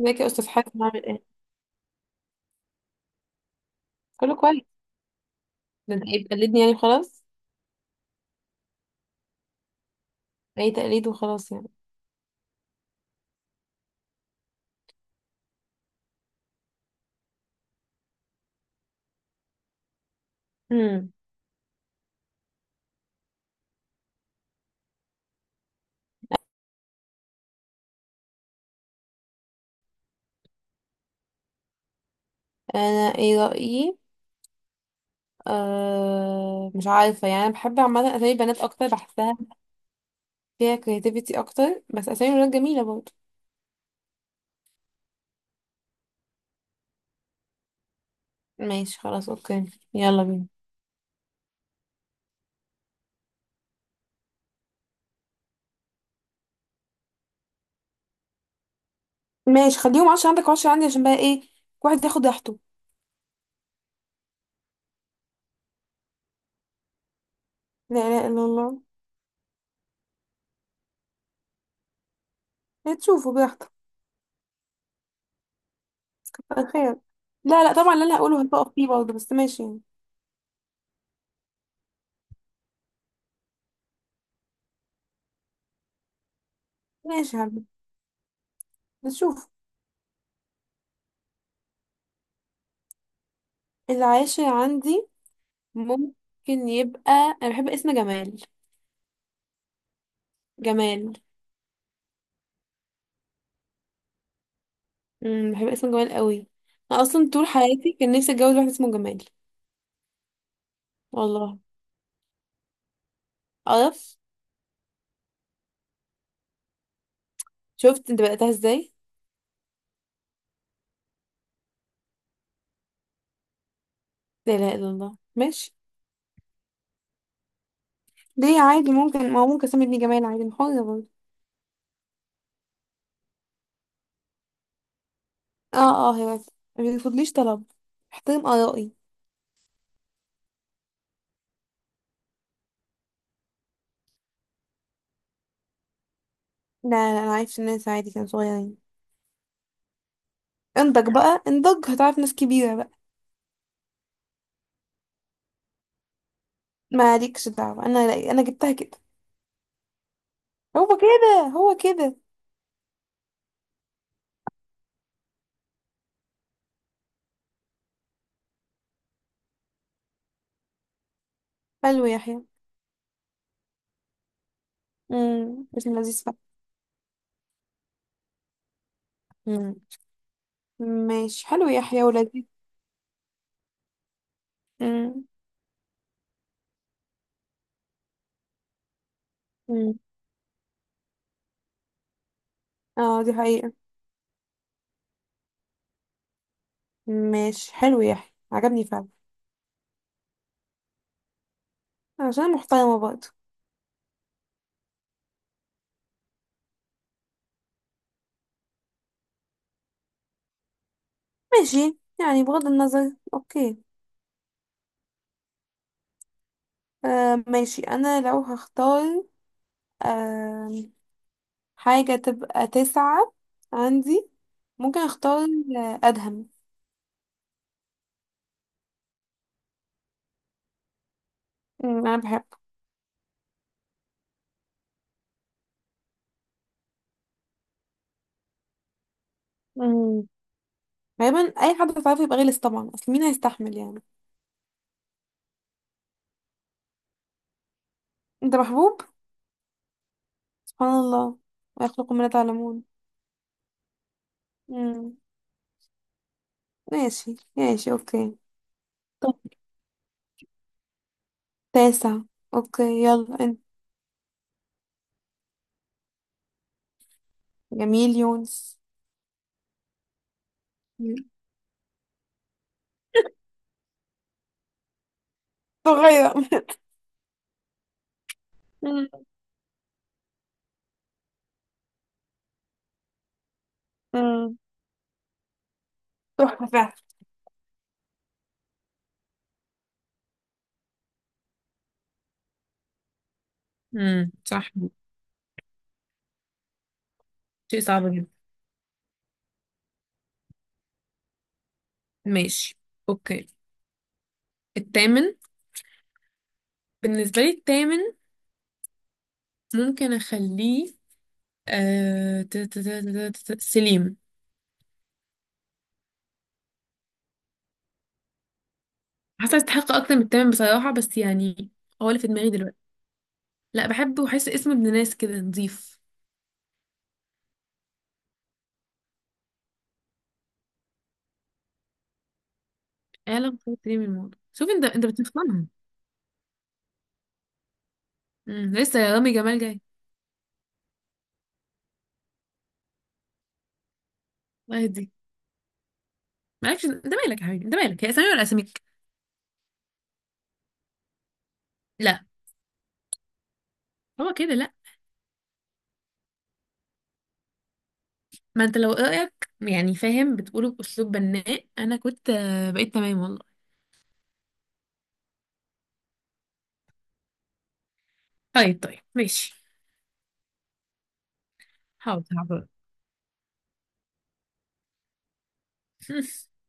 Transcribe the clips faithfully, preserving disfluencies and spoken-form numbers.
ازيك يا استاذ حاتم، عامل ايه؟ كله كويس. ده انت ايه بتقلدني يعني؟ خلاص. اي تقليد وخلاص يعني. امم انا ايه رايي؟ آه مش عارفه يعني. انا بحب عامه اسامي بنات اكتر، بحسها فيها كرياتيفيتي اكتر، بس اسامي الولاد جميله برضه. ماشي خلاص، اوكي. يلا بينا. ماشي، خليهم عشرة عندك وعشرة عندي، عشان بقى ايه؟ كل واحد ياخد راحته. لا لا الا الله. إيه، تشوفوا براحتك. كتر خير. لا لا طبعا اللي انا هقوله هتقف فيه برضه، بس ماشي يعني. ماشي يا حبيبي، نشوف. العاشر عندي ممكن يبقى انا بحب اسم جمال. جمال. امم بحب اسم جمال قوي. انا اصلا طول حياتي كان نفسي اتجوز واحد اسمه جمال. والله. قرف. شفت انت بدأتها ازاي؟ لا اله الا الله، ماشي. ليه؟ عادي، ممكن ما هو ممكن اسمي ابني جمال عادي، أنا حرة برضه. اه اه، هي بس ما بيرفضليش طلب، احترم ارائي. لا لا، انا عايش في الناس عادي، كانوا صغيرين. انضج بقى، انضج هتعرف ناس كبيرة بقى. مالكش دعوة، انا انا جبتها كده. هو كده، هو كده. حلو يا يحيى. امم بس لذيذ فعلا. مم. ماشي، حلو يحيى ولذيذ. مم. مم. اه، دي حقيقة. ماشي حلو، يحيى عجبني فعلا. عشان محترمة برضه. ماشي يعني، بغض النظر، اوكي. آه ماشي، انا لو هختار آه حاجة تبقى تسعة عندي. ممكن اختار آه، ادهم. مم، انا بحبه. مم. غالبا اي حد هتعرفه يبقى غلس طبعا، اصل مين هيستحمل يعني؟ انت محبوب. سبحان الله، ويخلق ما لا تعلمون. مم. ماشي ماشي اوكي. طب تاسع، اوكي يلا انت. جميل يونس. مم. صغيرة. مم. مم. تحفة فعلا. امم صح. شيء صعب جدا. ماشي اوكي. التامن، بالنسبة لي التامن ممكن اخليه آه... ت- ت- ت- ت- ت- ت- سليم. حاسة يستحق اكتر من التامن بصراحة، بس يعني هو اللي في دماغي دلوقتي. لا بحبه، وحاسه اسمه ابن ناس كده، نظيف. اعلم خير سليم الموضوع، شوف انت انت بتفهمها. امم لسه يا رامي جمال جاي. الله يهديك. مالكش، انت مالك يا حبيبي، انت مالك. هي اسامي ولا اساميك؟ لا. هو كده لا. ما انت لو رايك يعني فاهم بتقوله باسلوب بناء، انا كنت آه، بقيت تمام والله. طيب طيب ماشي. حاضر حاضر.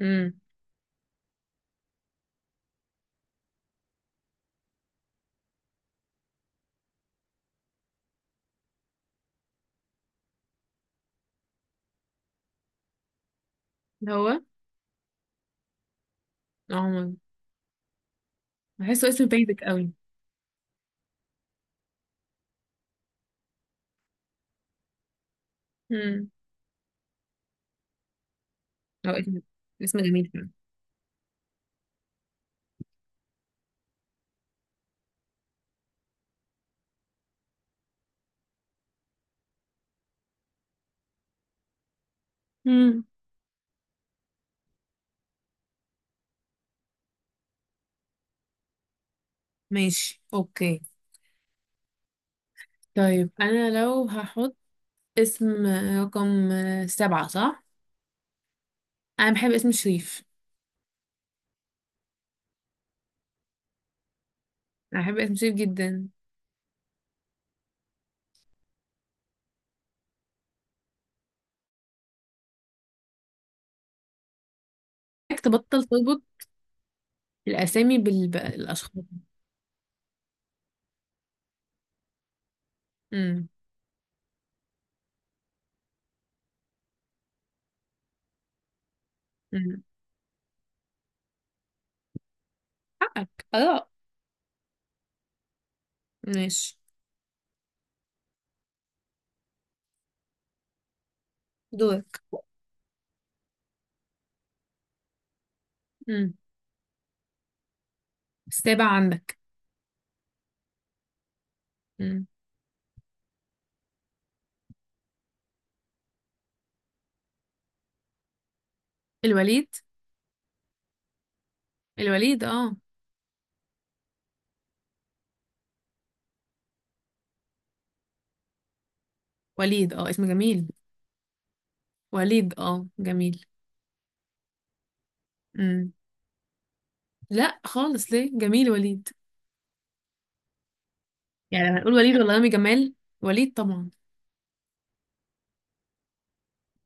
امم ده هو عمر. بحسه اسم بيزك قوي. امم هو اسم اسم جميل فعلا. امم ماشي اوكي. طيب انا لو هحط اسم رقم سبعة، صح؟ انا بحب اسم شريف. انا بحب اسم شريف جدا. محتاج تبطل تربط الاسامي بالاشخاص. امم امم، حقك آراء. ماشي دورك. امم السابع عندك. امم الوليد. الوليد، اه. وليد، اه، اسم جميل. وليد، اه، جميل. امم لا خالص، ليه؟ جميل وليد. يعني لو هنقول وليد ولا رامي جمال؟ وليد طبعا.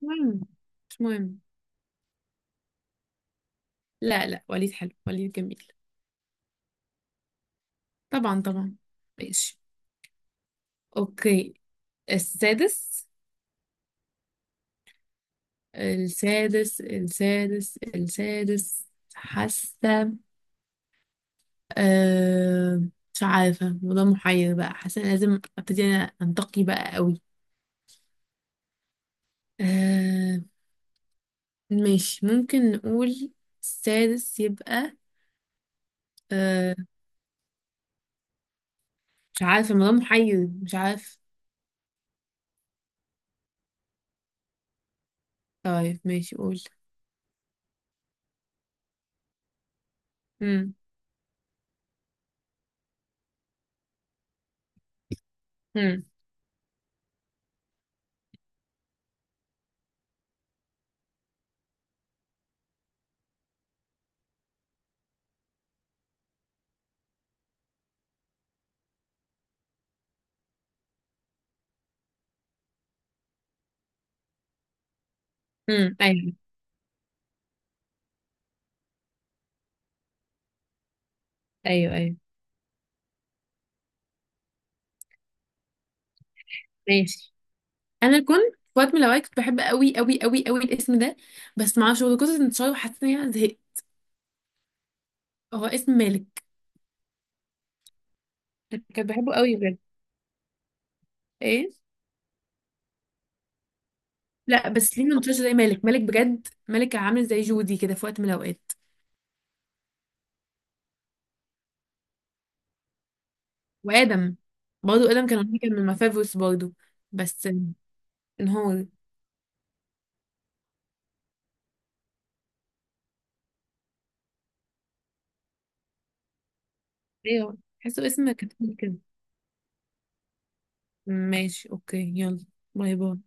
مهم، مش مهم. لا لا، وليد حلو، وليد جميل. طبعا طبعا. ماشي اوكي. السادس السادس السادس السادس حاسه أه، مش عارفة، الموضوع محير بقى. حاسة إن لازم ابتدي انا انتقي بقى قوي. أه، ماشي ممكن نقول السادس يبقى أه، مش عارفة، الموضوع محير، مش عارف. طيب ماشي، قول. امم امم امم، ايوه ايوه ايوه، ماشي. انا كنت في وقت من الاوقات كنت بحب قوي قوي قوي قوي الاسم ده، بس معرفش هو كنت انتشار وحسيت ان انا زهقت. هو اسم مالك. كنت بحبه قوي بجد. ايه؟ لا بس ليه منتشر زي مالك؟ مالك بجد، مالك كان عامل زي جودي كده في وقت من الاوقات. وادم برضه، ادم كان كان من مفافوس برضه. بس انهار. ايوه، حاسه اسم كتير كده. ماشي اوكي، يلا. باي باي.